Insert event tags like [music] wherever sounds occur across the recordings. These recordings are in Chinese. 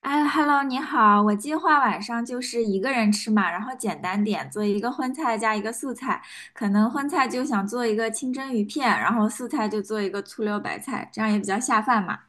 哎，Hello，你好，我计划晚上就是一个人吃嘛，然后简单点，做一个荤菜加一个素菜，可能荤菜就想做一个清蒸鱼片，然后素菜就做一个醋溜白菜，这样也比较下饭嘛。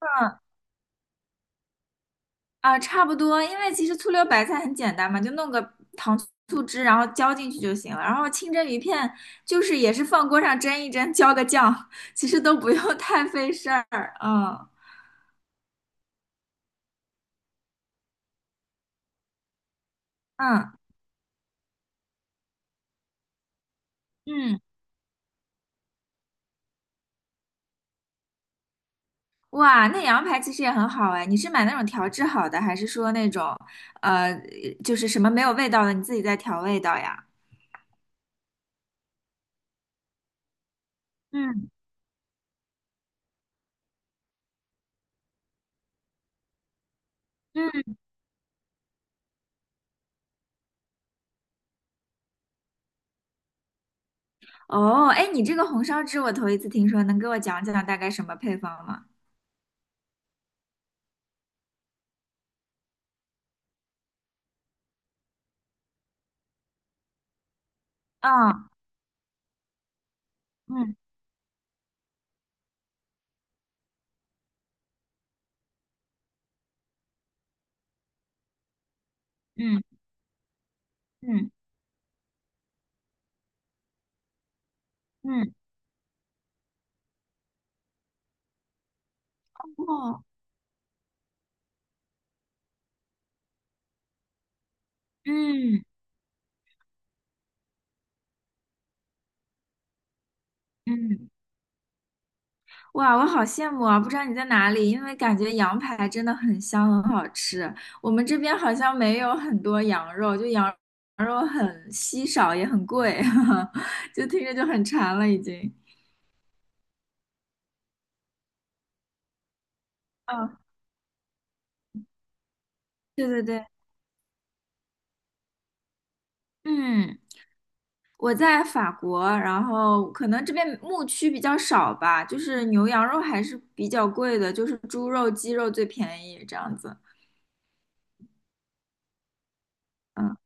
嗯啊，差不多，因为其实醋溜白菜很简单嘛，就弄个糖醋汁，然后浇进去就行了。然后清蒸鱼片就是也是放锅上蒸一蒸，浇个酱，其实都不用 [laughs] 太费事儿。嗯嗯嗯。哇，那羊排其实也很好哎。你是买那种调制好的，还是说那种呃，就是什么没有味道的，你自己再调味道呀？嗯嗯。哦，哎，你这个红烧汁我头一次听说，能给我讲讲大概什么配方吗？啊，嗯嗯嗯嗯，哦，嗯嗯。哇，我好羡慕啊！不知道你在哪里，因为感觉羊排真的很香，很好吃。我们这边好像没有很多羊肉，就羊肉很稀少，也很贵，[laughs] 就听着就很馋了已经。嗯，对对对，嗯，我在法国，然后可能这边牧区比较少吧，就是牛羊肉还是比较贵的，就是猪肉、鸡肉最便宜这样子。嗯，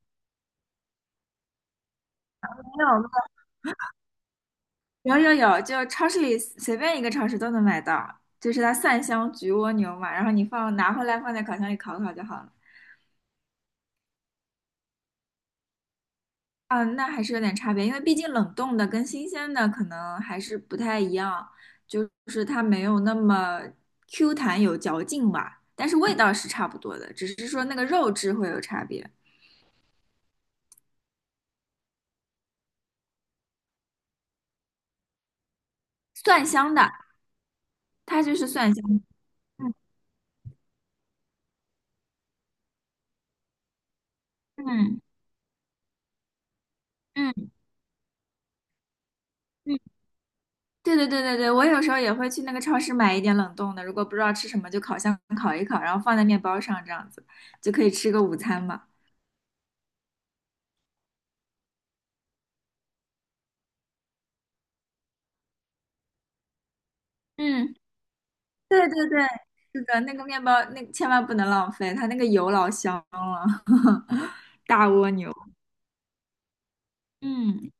没有。有有有，就超市里随便一个超市都能买到，就是它蒜香焗蜗牛嘛，然后你放拿回来放在烤箱里烤烤就好了。啊，那还是有点差别，因为毕竟冷冻的跟新鲜的可能还是不太一样，就是它没有那么 Q 弹有嚼劲吧，但是味道是差不多的，只是说那个肉质会有差别。蒜香的，它就是蒜香的嗯嗯嗯。嗯对对对对对，我有时候也会去那个超市买一点冷冻的，如果不知道吃什么，就烤箱烤一烤，然后放在面包上，这样子就可以吃个午餐嘛。嗯，对对对，是的，那个面包那千万不能浪费，它那个油老香了，[laughs] 大蜗牛。嗯。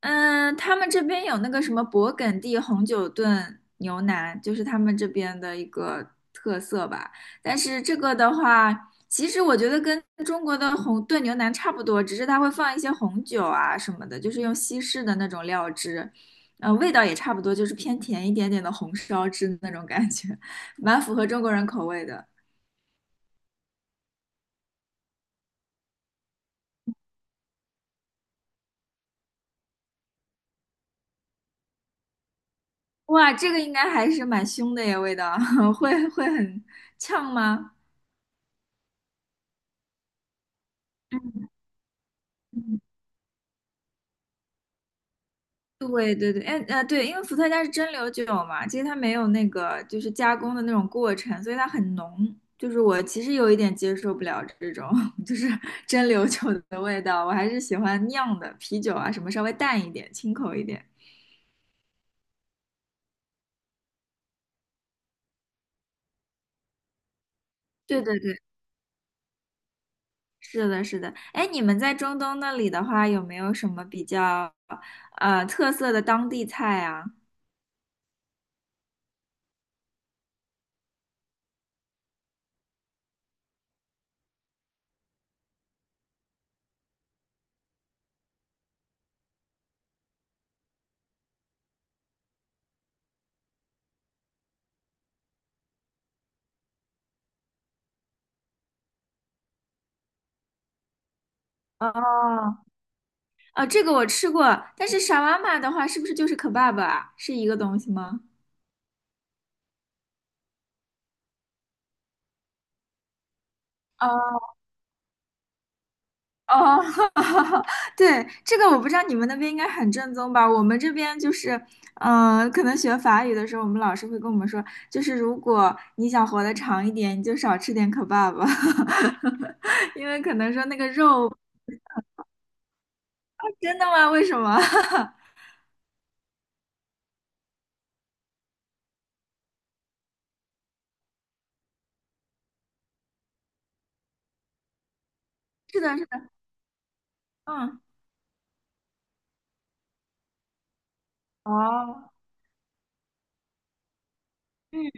嗯，他们这边有那个什么勃艮第红酒炖牛腩，就是他们这边的一个特色吧。但是这个的话，其实我觉得跟中国的红炖牛腩差不多，只是它会放一些红酒啊什么的，就是用西式的那种料汁，味道也差不多，就是偏甜一点点的红烧汁那种感觉，蛮符合中国人口味的。哇，这个应该还是蛮凶的耶，味道 [laughs] 会很呛吗？嗯对对对，哎对，因为伏特加是蒸馏酒嘛，其实它没有那个就是加工的那种过程，所以它很浓。就是我其实有一点接受不了这种 [laughs] 就是蒸馏酒的味道，我还是喜欢酿的啤酒啊，什么稍微淡一点、清口一点。对对对，是的，是的。哎，你们在中东那里的话，有没有什么比较特色的当地菜啊？哦，哦，这个我吃过，但是沙瓦玛的话，是不是就是可 e b 啊？是一个东西吗？哦哦，[laughs] 对，这个我不知道你们那边应该很正宗吧？我们这边就是，嗯、可能学法语的时候，我们老师会跟我们说，就是如果你想活得长一点，你就少吃点 kebab，[laughs] 因为可能说那个肉，真的吗？为什么？[laughs] 是的，是的，嗯，哦，嗯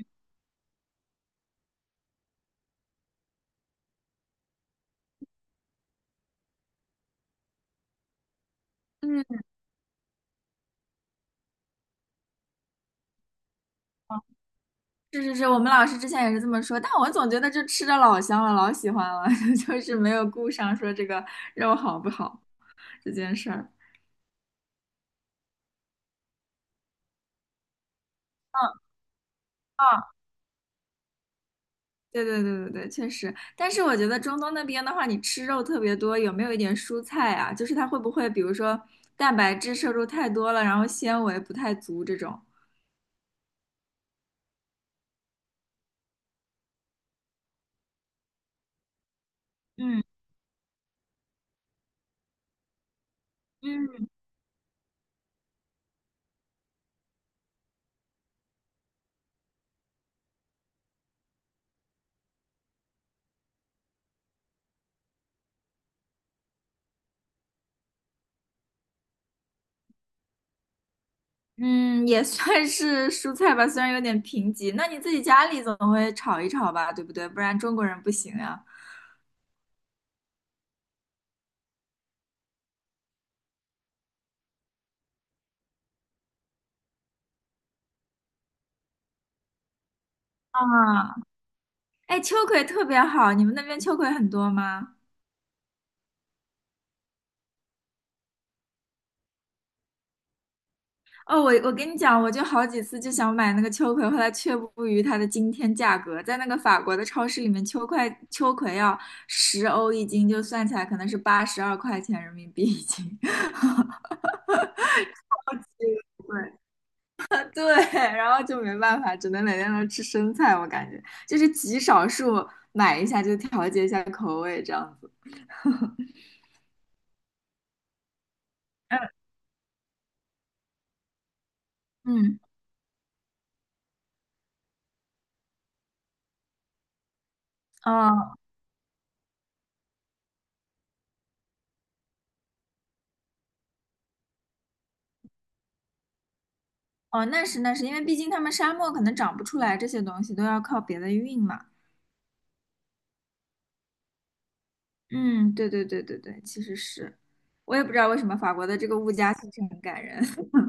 嗯，是是是，我们老师之前也是这么说，但我总觉得就吃的老香了，老喜欢了，[laughs] 就是没有顾上说这个肉好不好这件事儿。嗯哦对对对对对，确实。但是我觉得中东那边的话，你吃肉特别多，有没有一点蔬菜啊？就是它会不会，比如说蛋白质摄入太多了，然后纤维不太足这种？嗯嗯。嗯，也算是蔬菜吧，虽然有点贫瘠。那你自己家里总会炒一炒吧，对不对？不然中国人不行呀。啊，哎，秋葵特别好，你们那边秋葵很多吗？哦，我跟你讲，我就好几次就想买那个秋葵，后来却步于它的惊天价格，在那个法国的超市里面，秋葵要10欧一斤，就算起来可能是82块钱人民币一斤。[laughs] 对对，[laughs] 然后就没办法，只能每天都吃生菜，我感觉就是极少数买一下就调节一下口味这样子。嗯，哦哦，那是那是，因为毕竟他们沙漠可能长不出来这些东西，都要靠别的运嘛。嗯，对对对对对，其实是，我也不知道为什么法国的这个物价其实很感人。[laughs]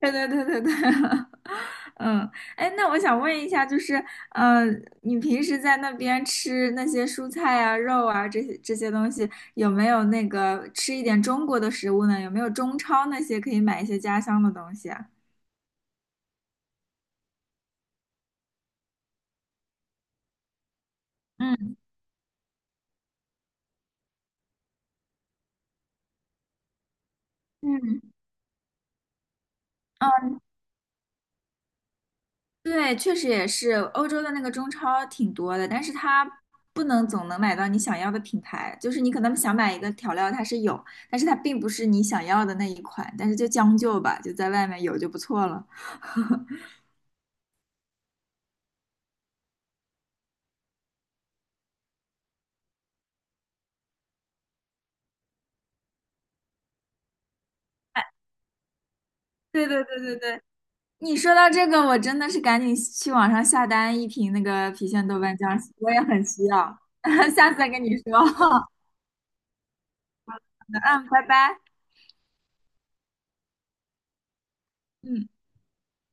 对对对对对，[laughs] 嗯，哎，那我想问一下，就是，呃，你平时在那边吃那些蔬菜啊、肉啊这些这些东西，有没有那个吃一点中国的食物呢？有没有中超那些可以买一些家乡的东西啊？嗯嗯嗯对，确实也是，欧洲的那个中超挺多的，但是它不能总能买到你想要的品牌，就是你可能想买一个调料，它是有，但是它并不是你想要的那一款，但是就将就吧，就在外面有就不错了。哎对对对对对，你说到这个，我真的是赶紧去网上下单一瓶那个郫县豆瓣酱，我也很需要，[laughs] 下次再跟你说。[laughs] 好的嗯，拜拜。嗯。